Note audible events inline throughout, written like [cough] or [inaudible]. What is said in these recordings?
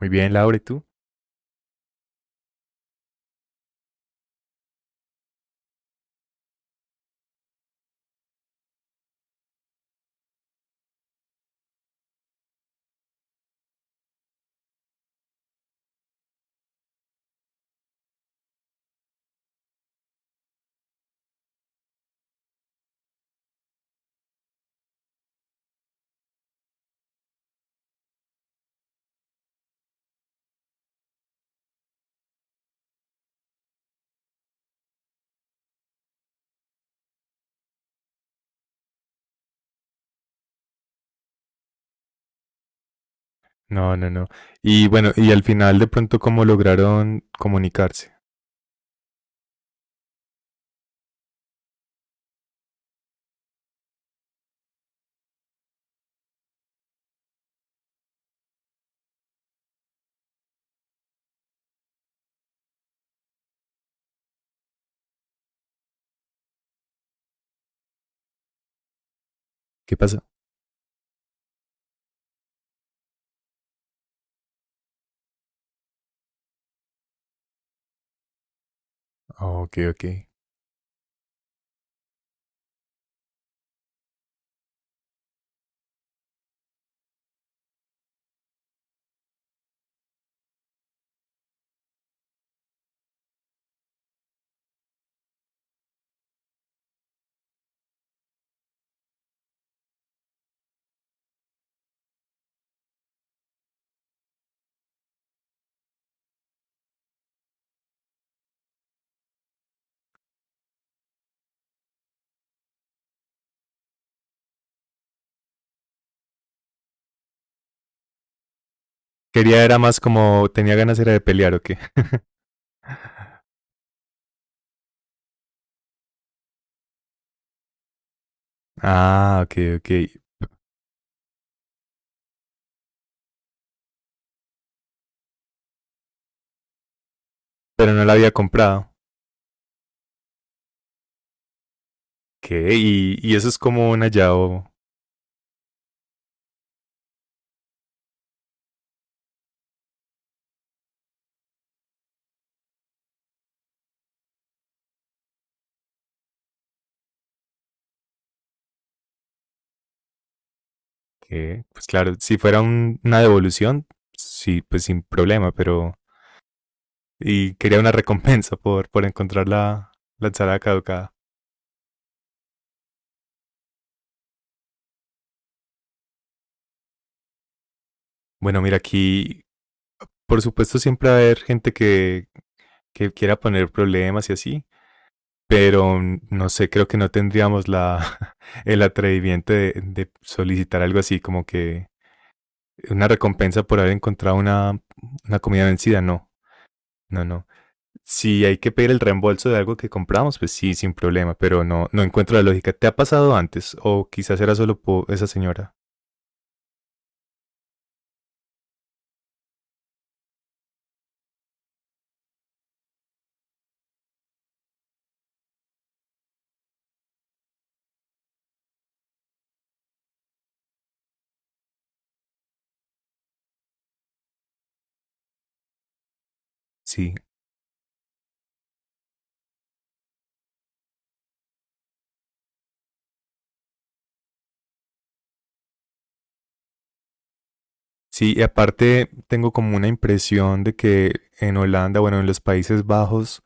Muy bien, Laura, ¿y tú? No, no, no. Y bueno, y al final de pronto, ¿cómo lograron comunicarse? ¿Qué pasó? Ah, ok, ok. Quería, era más como, tenía ganas era de pelear, ¿o qué? [laughs] Ah, ok, ok. Pero no la había comprado. ¿Qué? Y eso es como un hallado. ¿Qué? Pues claro, si fuera una devolución, sí, pues sin problema, pero. Y quería una [laughs] recompensa por encontrar la, la ensalada caducada. Bueno, mira, aquí, por supuesto, siempre va a haber gente que quiera poner problemas y así. Pero no sé, creo que no tendríamos la, [laughs] el atrevimiento de solicitar algo así, como que una recompensa por haber encontrado una comida vencida, no, no, no. Si hay que pedir el reembolso de algo que compramos, pues sí, sin problema, pero no, no encuentro la lógica. ¿Te ha pasado antes? O quizás era solo esa señora. Sí. Sí, y aparte tengo como una impresión de que en Holanda, bueno, en los Países Bajos,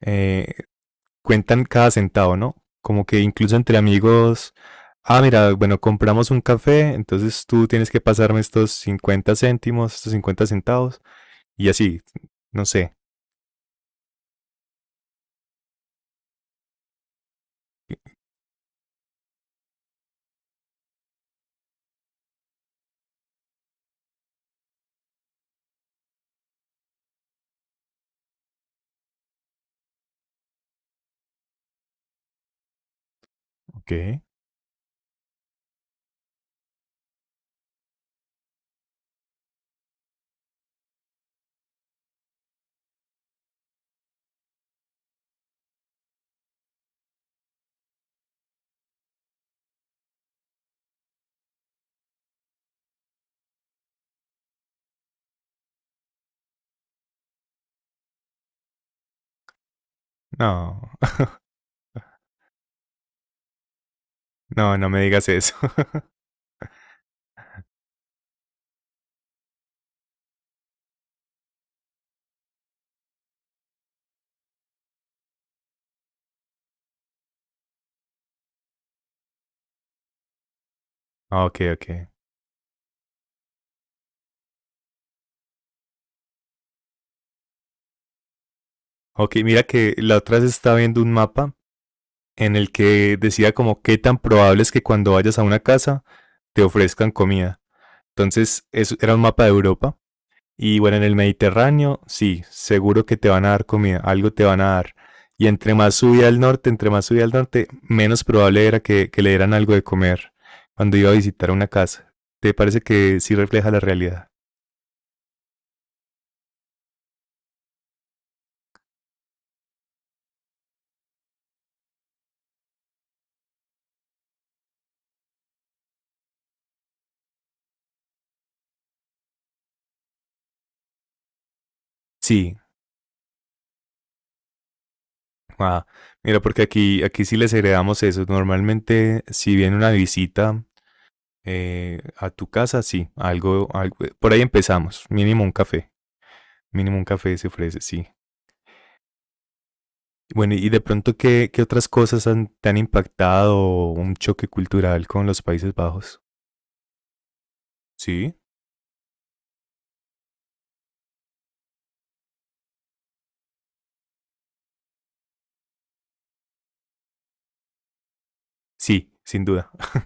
eh, cuentan cada centavo, ¿no? Como que incluso entre amigos, ah, mira, bueno, compramos un café, entonces tú tienes que pasarme estos 50 céntimos, estos 50 centavos, y así, no sé. ¿Qué? No, [laughs] no, no me digas eso. [laughs] Ah, ok, ok. Ok, mira que la otra vez estaba viendo un mapa en el que decía como qué tan probable es que cuando vayas a una casa te ofrezcan comida. Entonces, eso era un mapa de Europa. Y bueno, en el Mediterráneo, sí, seguro que te van a dar comida, algo te van a dar. Y entre más subía al norte, entre más subía al norte, menos probable era que le dieran algo de comer cuando iba a visitar una casa. ¿Te parece que sí refleja la realidad? Sí. Ah, mira, porque aquí, aquí sí les heredamos eso. Normalmente, si viene una visita, a tu casa, sí, algo, por ahí empezamos, mínimo un café se ofrece, sí. Bueno, y de pronto, ¿qué otras cosas te han impactado un choque cultural con los Países Bajos? Sí, sí, sin duda. [laughs]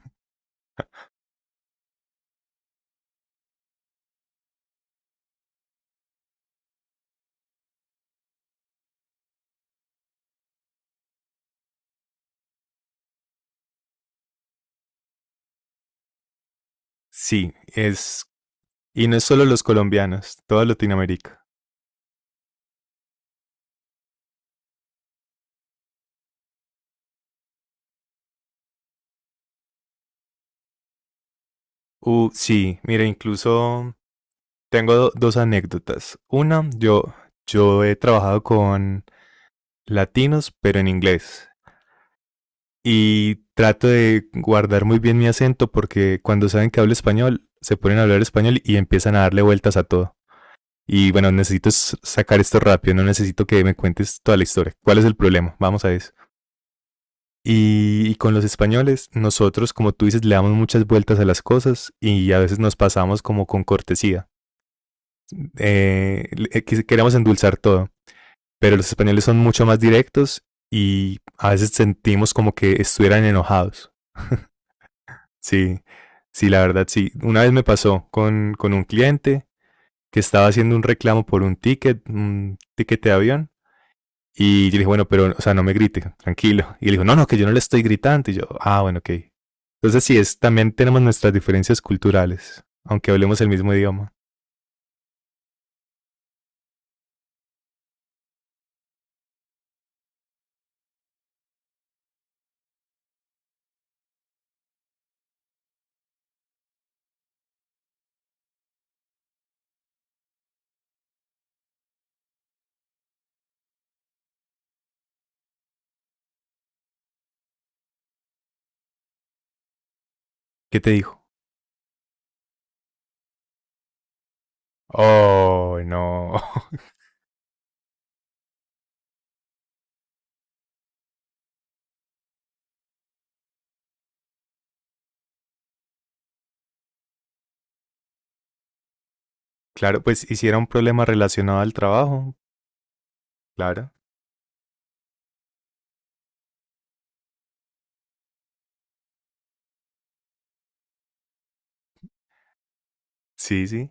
Sí, y no es solo los colombianos, toda Latinoamérica. Sí, mira, incluso tengo dos anécdotas. Una, yo he trabajado con latinos, pero en inglés. Y trato de guardar muy bien mi acento porque cuando saben que hablo español, se ponen a hablar español y empiezan a darle vueltas a todo. Y bueno, necesito sacar esto rápido, no necesito que me cuentes toda la historia. ¿Cuál es el problema? Vamos a eso. Y con los españoles, nosotros, como tú dices, le damos muchas vueltas a las cosas y a veces nos pasamos como con cortesía. Queremos endulzar todo, pero los españoles son mucho más directos y a veces sentimos como que estuvieran enojados. Sí, sí, la verdad, sí. Una vez me pasó con un cliente que estaba haciendo un reclamo por un ticket de avión. Y yo le dije, bueno, pero, o sea, no me grite, tranquilo. Y él dijo, no, no, que yo no le estoy gritando. Y yo, ah, bueno, ok. Entonces sí, también tenemos nuestras diferencias culturales, aunque hablemos el mismo idioma. ¿Qué te dijo? Oh, no. [laughs] Claro, pues hiciera un problema relacionado al trabajo. Claro. Sí, sí.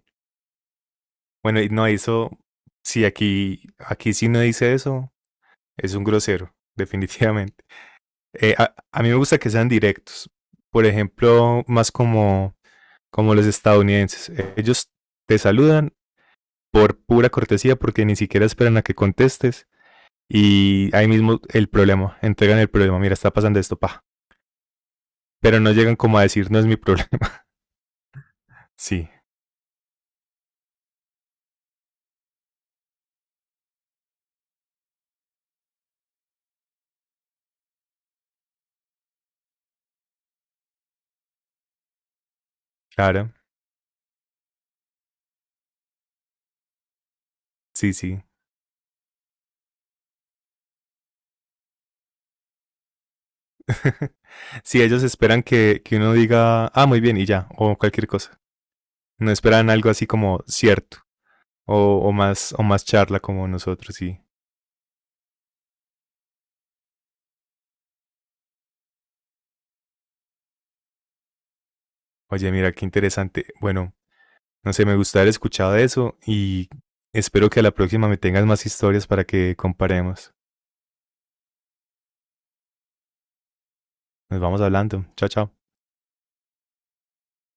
Bueno, y no, eso, sí, aquí, aquí sí no dice eso. Es un grosero, [laughs] definitivamente. A mí me gusta que sean directos. Por ejemplo, más como los estadounidenses. Ellos te saludan por pura cortesía porque ni siquiera esperan a que contestes y ahí mismo el problema, entregan el problema, mira, está pasando esto, pa. Pero no llegan como a decir, no es mi problema. [laughs] Sí, claro. Sí, sí. [laughs] Sí, ellos esperan que uno diga, ah, muy bien, y ya, o cualquier cosa. No esperan algo así como cierto, o más charla como nosotros, sí. Oye, mira, qué interesante. Bueno, no sé, me gusta haber escuchado eso y espero que a la próxima me tengas más historias para que comparemos. Nos vamos hablando. Chao, chao.